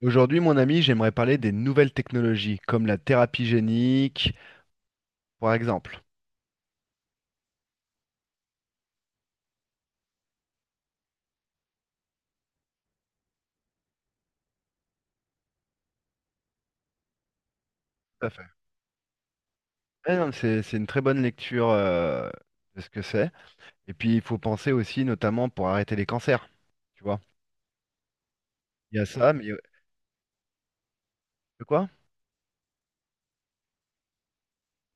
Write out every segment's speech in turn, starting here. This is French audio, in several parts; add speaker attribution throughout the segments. Speaker 1: Aujourd'hui, mon ami, j'aimerais parler des nouvelles technologies, comme la thérapie génique, par exemple. Tout à fait. Eh non, c'est une très bonne lecture de ce que c'est. Et puis, il faut penser aussi, notamment, pour arrêter les cancers. Tu vois, il y a ça, mais de quoi?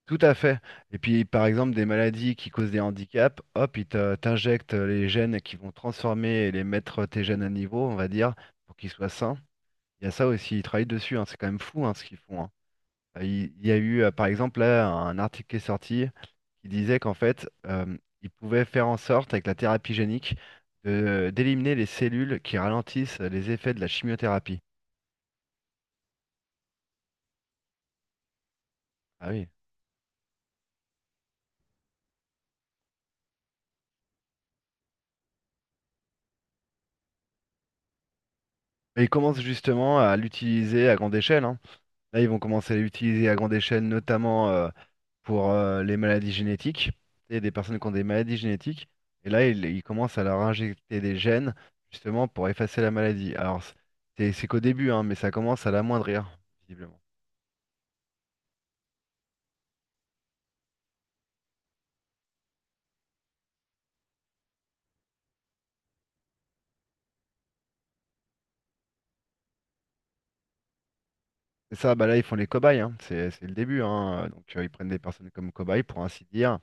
Speaker 1: Tout à fait. Et puis, par exemple, des maladies qui causent des handicaps, hop, t'injectent les gènes qui vont transformer et les mettre tes gènes à niveau, on va dire, pour qu'ils soient sains. Il y a ça aussi, ils travaillent dessus, hein. C'est quand même fou, hein, ce qu'ils font, hein. Il y a eu, par exemple, là, un article qui est sorti qui disait qu'en fait, il pouvait faire en sorte, avec la thérapie génique, d'éliminer les cellules qui ralentissent les effets de la chimiothérapie. Ah oui. Et ils commencent justement à l'utiliser à grande échelle, hein. Là, ils vont commencer à l'utiliser à grande échelle, notamment pour les maladies génétiques, et des personnes qui ont des maladies génétiques. Et là, ils commencent à leur injecter des gènes, justement, pour effacer la maladie. Alors, c'est qu'au début, hein, mais ça commence à l'amoindrir, visiblement. C'est ça, bah là ils font les cobayes, hein. C'est le début, hein. Donc ils prennent des personnes comme cobayes pour ainsi dire.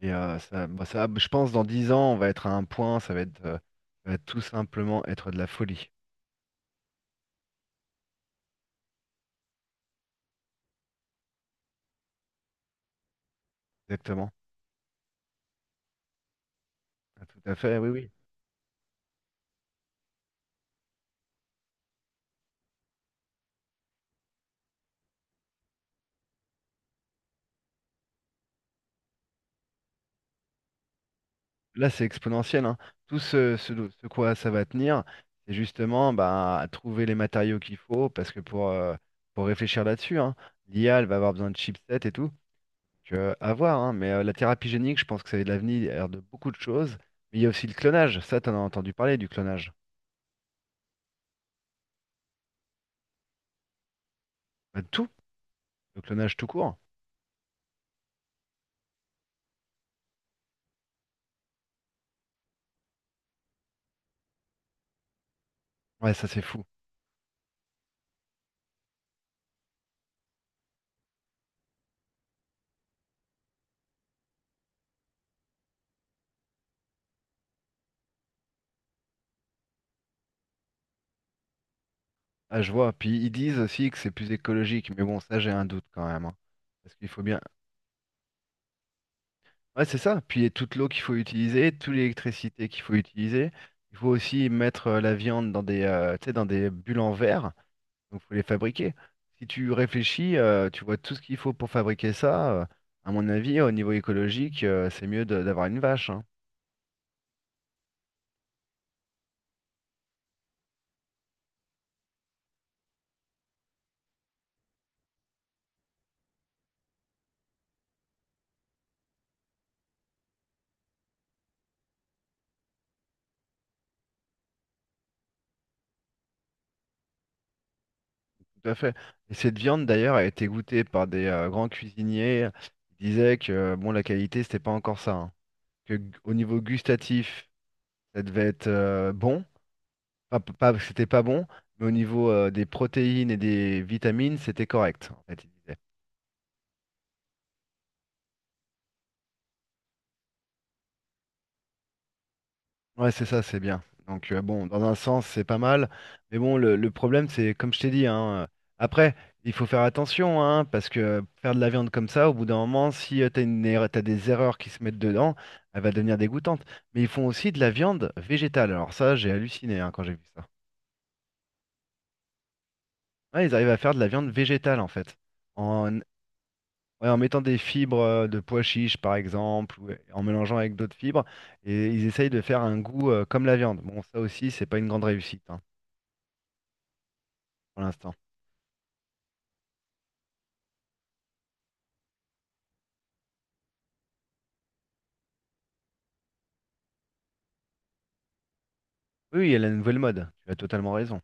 Speaker 1: Et ça, bah, ça, je pense dans 10 ans on va être à un point, ça va être, ça va tout simplement être de la folie. Exactement. Ah, tout à fait, oui, oui. Là c'est exponentiel, hein. Tout ce quoi ça va tenir, c'est justement bah, trouver les matériaux qu'il faut, parce que pour réfléchir là-dessus, hein, l'IA elle va avoir besoin de chipsets et tout. Donc, à voir, hein, mais la thérapie génique, je pense que ça a de l'avenir de beaucoup de choses. Mais il y a aussi le clonage. Ça, t'en as entendu parler du clonage. Bah, de tout, le clonage tout court. Ouais, ça c'est fou. Ah, je vois. Puis ils disent aussi que c'est plus écologique, mais bon, ça j'ai un doute quand même, hein. Parce qu'il faut bien. Ouais, c'est ça. Puis il y a toute l'eau qu'il faut utiliser, toute l'électricité qu'il faut utiliser. Il faut aussi mettre la viande dans des, tu sais, dans des bulles en verre. Donc faut les fabriquer. Si tu réfléchis, tu vois tout ce qu'il faut pour fabriquer ça, à mon avis, au niveau écologique, c'est mieux d'avoir une vache, hein. Tout à fait. Et cette viande d'ailleurs a été goûtée par des grands cuisiniers. Ils disaient que bon, la qualité, c'était pas encore ça, hein. Au niveau gustatif, ça devait être bon. Pas que c'était pas bon, mais au niveau des protéines et des vitamines, c'était correct. En fait, ils disaient. Ouais, c'est ça, c'est bien. Donc, bon, dans un sens, c'est pas mal. Mais bon, le problème, c'est, comme je t'ai dit, hein, après, il faut faire attention, hein, parce que faire de la viande comme ça, au bout d'un moment, si tu t'as une erreur- t'as des erreurs qui se mettent dedans, elle va devenir dégoûtante. Mais ils font aussi de la viande végétale. Alors ça, j'ai halluciné, hein, quand j'ai vu ça. Ouais, ils arrivent à faire de la viande végétale, en fait. En, ouais, en mettant des fibres de pois chiches, par exemple, ou en mélangeant avec d'autres fibres, et ils essayent de faire un goût, comme la viande. Bon, ça aussi, c'est pas une grande réussite, hein, pour l'instant. Oui, oui, il y a la nouvelle mode, tu as totalement raison.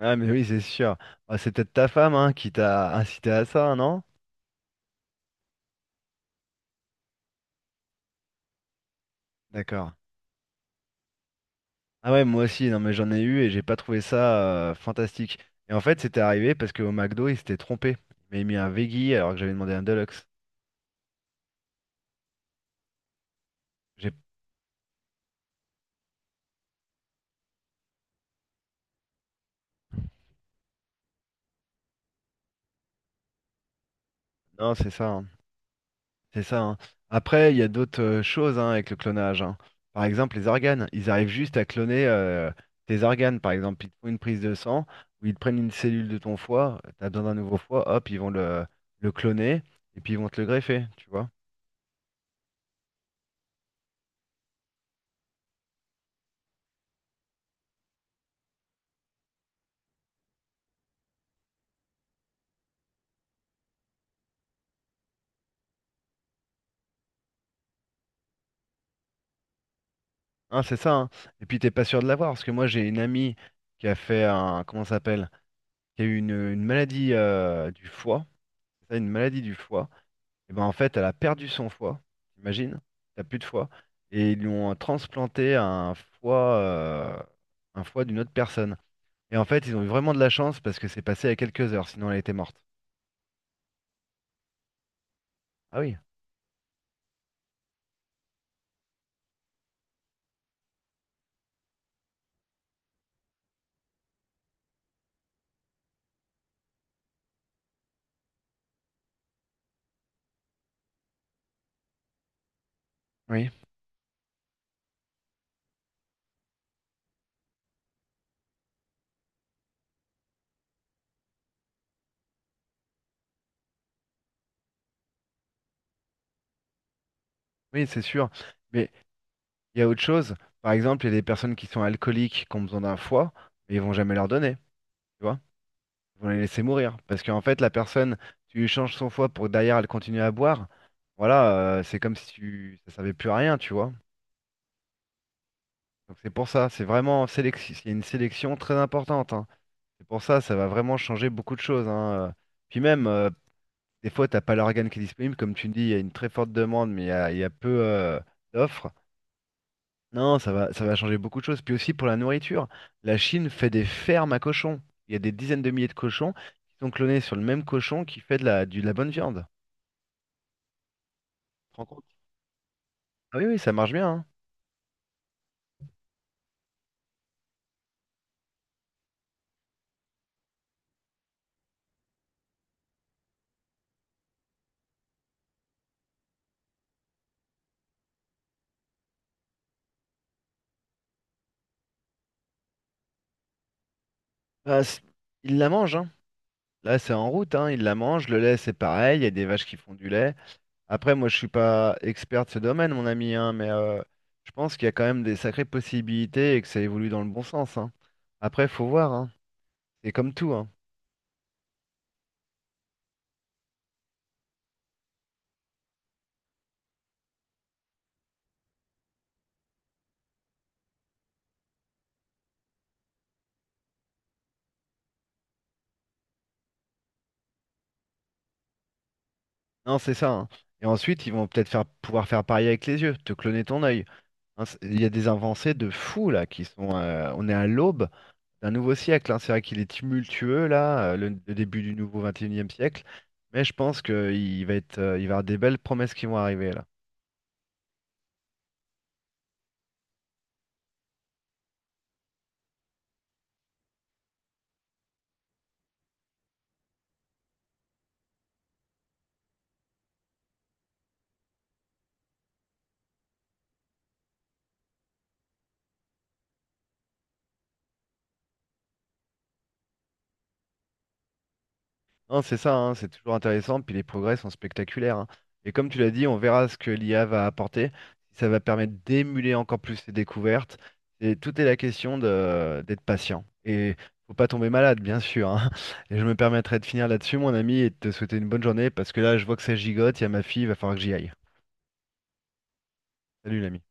Speaker 1: Ah, mais oui, c'est sûr. Ah, c'est peut-être ta femme hein, qui t'a incité à ça, non? D'accord. Ah ouais, moi aussi, non mais j'en ai eu et j'ai pas trouvé ça fantastique. Et en fait, c'était arrivé parce qu'au McDo, il s'était trompé. Il m'avait mis un veggie alors que j'avais demandé un deluxe. J'ai... Non, c'est ça, hein. C'est ça, hein. Après, il y a d'autres choses, hein, avec le clonage, hein. Par exemple, les organes. Ils arrivent juste à cloner tes organes. Par exemple, ils te font une prise de sang ou ils te prennent une cellule de ton foie. Tu as besoin d'un nouveau foie. Hop, ils vont le cloner et puis ils vont te le greffer. Tu vois? Hein, c'est ça, hein. Et puis, t'es pas sûr de l'avoir. Parce que moi, j'ai une amie qui a fait un. Comment ça s'appelle? Qui a eu une maladie du foie. C'est ça, une maladie du foie. Et ben en fait, elle a perdu son foie. T'imagines? T'as plus de foie. Et ils lui ont transplanté un foie d'une autre personne. Et en fait, ils ont eu vraiment de la chance parce que c'est passé à quelques heures, sinon elle était morte. Ah oui, oui, oui, c'est sûr. Mais il y a autre chose. Par exemple, il y a des personnes qui sont alcooliques, qui ont besoin d'un foie, mais ils vont jamais leur donner. Tu vois? Ils vont les laisser mourir. Parce qu'en fait, la personne, tu lui changes son foie pour que derrière elle continue à boire. Voilà, c'est comme si ça servait plus à rien, tu vois. Donc c'est pour ça, c'est vraiment sélection, il y a une sélection très importante, hein. C'est pour ça, ça va vraiment changer beaucoup de choses, hein. Puis même, des fois, t'as pas l'organe qui est disponible. Comme tu me dis, il y a une très forte demande, mais il y a peu d'offres. Non, ça va changer beaucoup de choses. Puis aussi pour la nourriture, la Chine fait des fermes à cochons. Il y a des dizaines de milliers de cochons qui sont clonés sur le même cochon qui fait de la bonne viande. Tu te rends compte? Ah oui, oui, ça marche bien, hein. Bah, c'est- ils la mange, hein. Là, c'est en route, hein. Ils la mange. Le lait, c'est pareil. Il y a des vaches qui font du lait. Après, moi, je suis pas expert de ce domaine, mon ami, hein, mais je pense qu'il y a quand même des sacrées possibilités et que ça évolue dans le bon sens, hein. Après, faut voir, hein. C'est comme tout, hein. Non, c'est ça, hein. Et ensuite, ils vont peut-être faire, pouvoir faire pareil avec les yeux, te cloner ton œil. Hein, Il y a des avancées de fous là qui sont. On est à l'aube d'un nouveau siècle, hein. C'est vrai qu'il est tumultueux là, le début du nouveau 21e siècle. Mais je pense qu'il va être, il va y avoir des belles promesses qui vont arriver là. Non, c'est ça, hein, c'est toujours intéressant, puis les progrès sont spectaculaires, hein. Et comme tu l'as dit, on verra ce que l'IA va apporter, si ça va permettre d'émuler encore plus ces découvertes. Et tout est la question de d'être patient. Et faut pas tomber malade, bien sûr, hein. Et je me permettrai de finir là-dessus, mon ami, et de te souhaiter une bonne journée, parce que là, je vois que ça gigote, il y a ma fille, il va falloir que j'y aille. Salut, l'ami.